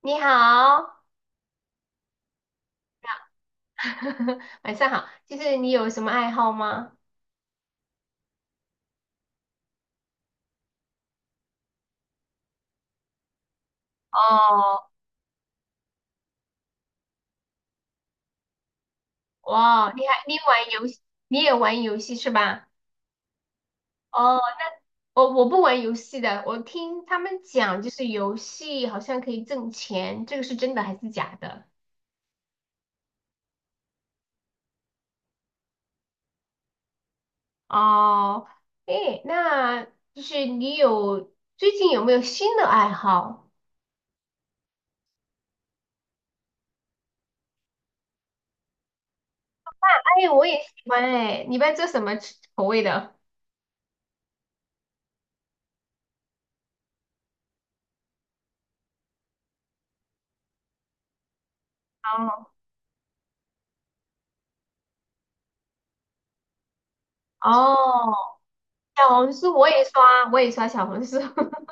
你好，晚上好。就是你有什么爱好吗？哦，哇，你玩游戏，你也玩游戏是吧？哦，我不玩游戏的，我听他们讲，就是游戏好像可以挣钱，这个是真的还是假的？哦，诶，那就是你有最近有没有新的爱好？哎，我也喜欢哎，你一般做什么吃口味的？哦哦，小红书我也刷，我也刷小红书。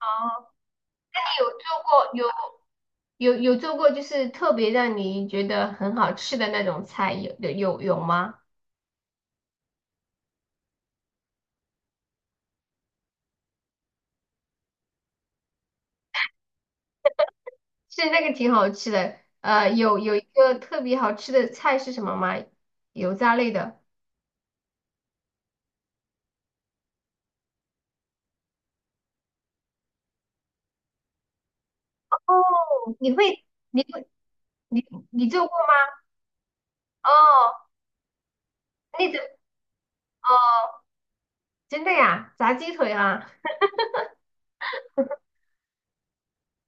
哦，那你有做过，就是特别让你觉得很好吃的那种菜，有吗？是那个挺好吃的，有有一个特别好吃的菜是什么吗？油炸类的，哦，你会你会你你做过吗？哦，那种哦，真的呀，炸鸡腿啊，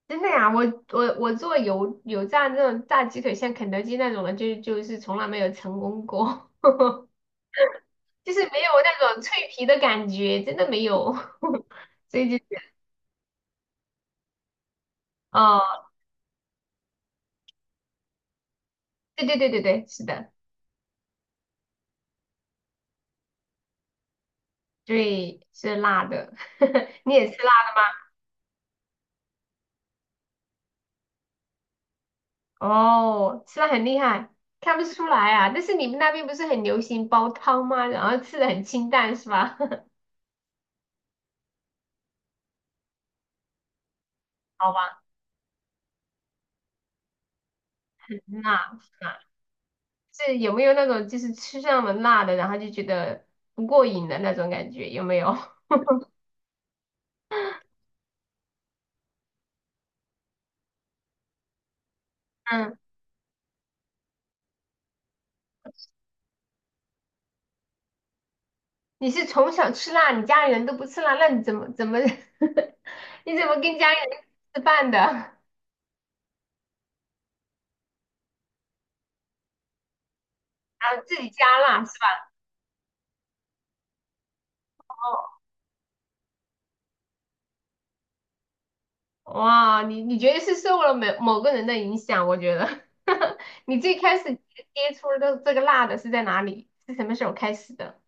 真的呀，我做油油炸那种炸鸡腿，像肯德基那种的，就是从来没有成功过。就是没有那种脆皮的感觉，真的没有。所以就是，哦，对对对对对，是的，对，是辣的。你也吃辣哦，吃辣很厉害，看不出来啊。但是你们那边不是很流行煲汤吗？然后吃的很清淡是吧？好吧，辣辣是有没有那种就是吃上了辣的，然后就觉得不过瘾的那种感觉？有没有？嗯。你是从小吃辣，你家里人都不吃辣，那你怎么 你怎么跟家里人吃饭的？然后自己加辣是吧？哇，你你觉得是受了某某个人的影响？我觉得 你最开始接触的这个辣的是在哪里？是什么时候开始的？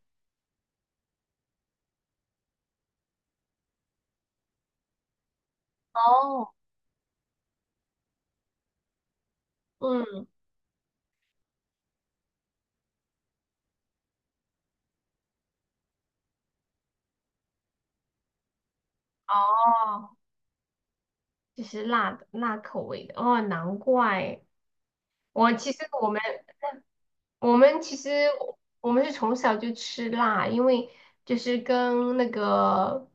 哦，嗯，哦，就是辣的辣口味的哦，难怪我其实我们我们其实我们是从小就吃辣，因为就是跟那个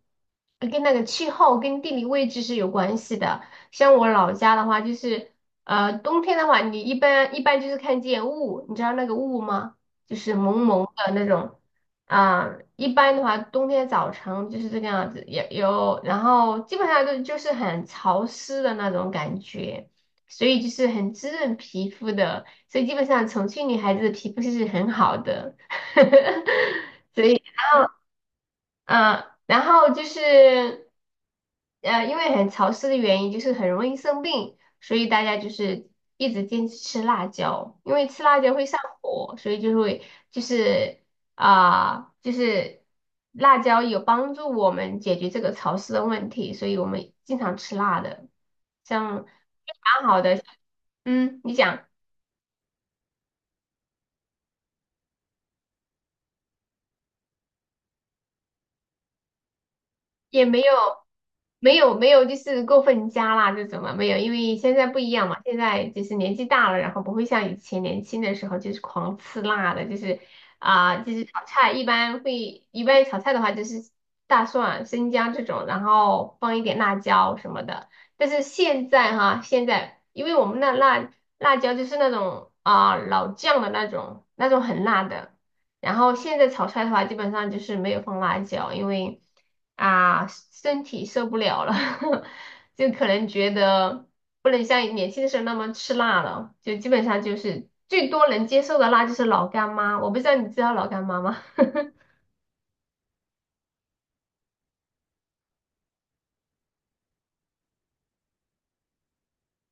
跟那个气候跟地理位置是有关系的。像我老家的话，就是冬天的话，你一般就是看见雾，你知道那个雾吗？就是蒙蒙的那种啊、一般的话，冬天早晨就是这个样子，有有，然后基本上都就是很潮湿的那种感觉。所以就是很滋润皮肤的，所以基本上重庆女孩子的皮肤是很好的。嗯，然后就是因为很潮湿的原因，就是很容易生病，所以大家就是一直坚持吃辣椒，因为吃辣椒会上火，所以就会就是就是辣椒有帮助我们解决这个潮湿的问题，所以我们经常吃辣的，像蛮好的，嗯，你讲。也没有，没有，没有，就是过分加辣这种嘛，没有，因为现在不一样嘛，现在就是年纪大了，然后不会像以前年轻的时候就是狂吃辣的，就是就是炒菜一般会，一般炒菜的话就是大蒜啊、生姜这种，然后放一点辣椒什么的。但是现在哈，现在因为我们那辣椒就是那种老酱的那种，那种很辣的。然后现在炒菜的话，基本上就是没有放辣椒，因为身体受不了了，就可能觉得不能像年轻的时候那么吃辣了，就基本上就是最多能接受的辣就是老干妈。我不知道你知道老干妈吗？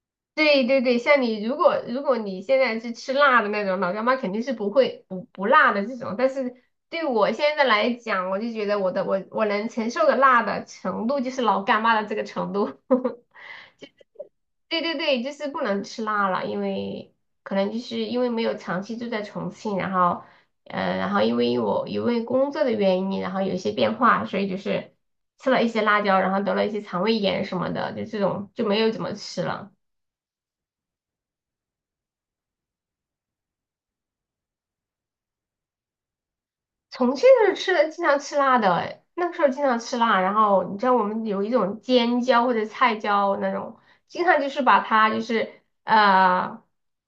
对对对，像你如果你现在是吃辣的那种老干妈，肯定是不会不辣的这种。但是对我现在来讲，我就觉得我能承受的辣的程度就是老干妈的这个程度。对对对，就是不能吃辣了，因为可能就是因为没有长期住在重庆，然后，嗯，然后因为工作的原因，然后有一些变化，所以就是吃了一些辣椒，然后得了一些肠胃炎什么的，就这种就没有怎么吃了。重庆是吃的经常吃辣的，哎那个时候经常吃辣。然后你知道我们有一种尖椒或者菜椒那种，经常就是把它呃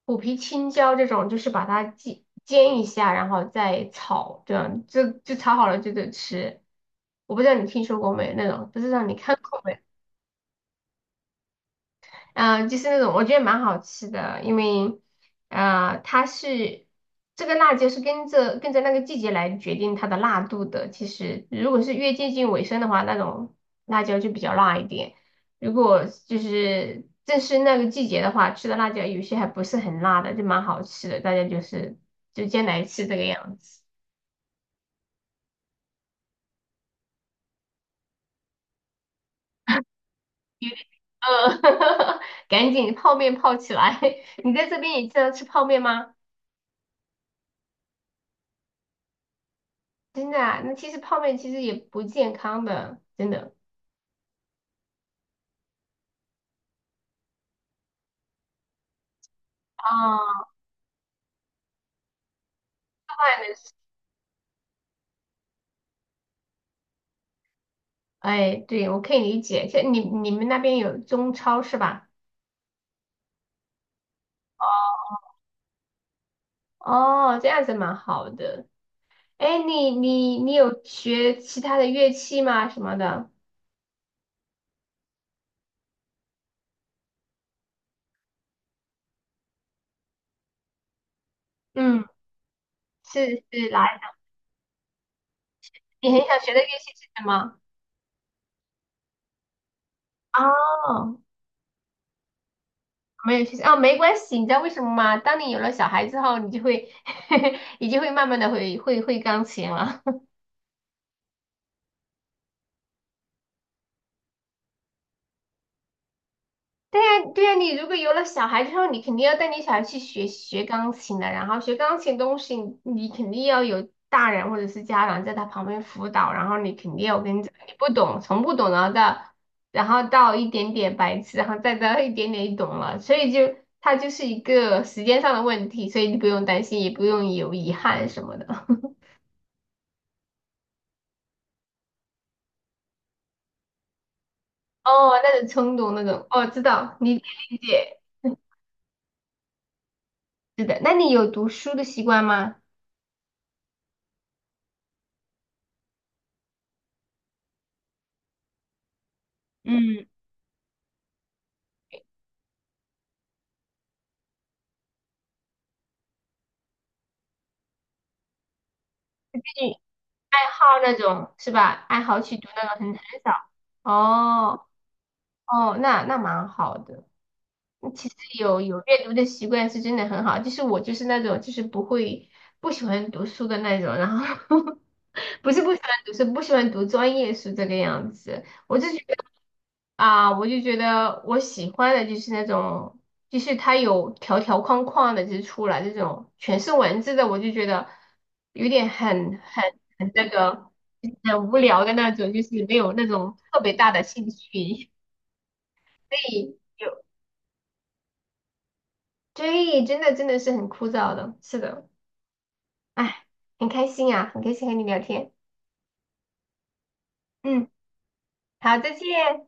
虎皮青椒这种，就是把它煎煎一下，然后再炒，这样就炒好了就得吃。我不知道你听说过没那种，不知道你看过没？嗯就是那种我觉得蛮好吃的，因为它是这个辣椒是跟着那个季节来决定它的辣度的。其实如果是越接近尾声的话，那种辣椒就比较辣一点；如果就是正是那个季节的话，吃的辣椒有些还不是很辣的，就蛮好吃的。大家就是就先来吃这个样子。呃，赶紧泡面泡起来！你在这边也经常吃泡面吗？真的啊，那其实泡面其实也不健康的，真的。哦，哎，对，我可以理解。像你你们那边有中超是吧？哦，这样子蛮好的。哎，你有学其他的乐器吗？什么的？嗯，是是，来，你很想学的乐器是什么？哦，没有学哦，没关系。你知道为什么吗？当你有了小孩之后，你就会 你就会慢慢的会钢琴了。对呀，对呀，你如果有了小孩之后，你肯定要带你小孩去学学钢琴的，然后学钢琴东西，你肯定要有大人或者是家长在他旁边辅导，然后你肯定要我跟你讲，你不懂，从不懂，然后到一点点白痴，然后再到一点点懂了，所以就它就是一个时间上的问题，所以你不用担心，也不用有遗憾什么的。哦，那种冲动那种，哦，知道，理解理解，是的，那你有读书的习惯吗？嗯，爱好那种是吧？爱好去读那种很很少。哦哦，那那蛮好的。其实有有阅读的习惯是真的很好。就是我就是那种就是不会不喜欢读书的那种，然后 不是不喜欢读书，不喜欢读专业书这个样子。我就觉得。啊，我就觉得我喜欢的就是那种，就是它有条条框框的，就是出来这种全是文字的，我就觉得有点很那个很无聊的那种，就是没有那种特别大的兴趣，所以有，对，真的真的是很枯燥的，是的，哎，很开心啊，很开心和你聊天，嗯，好，再见。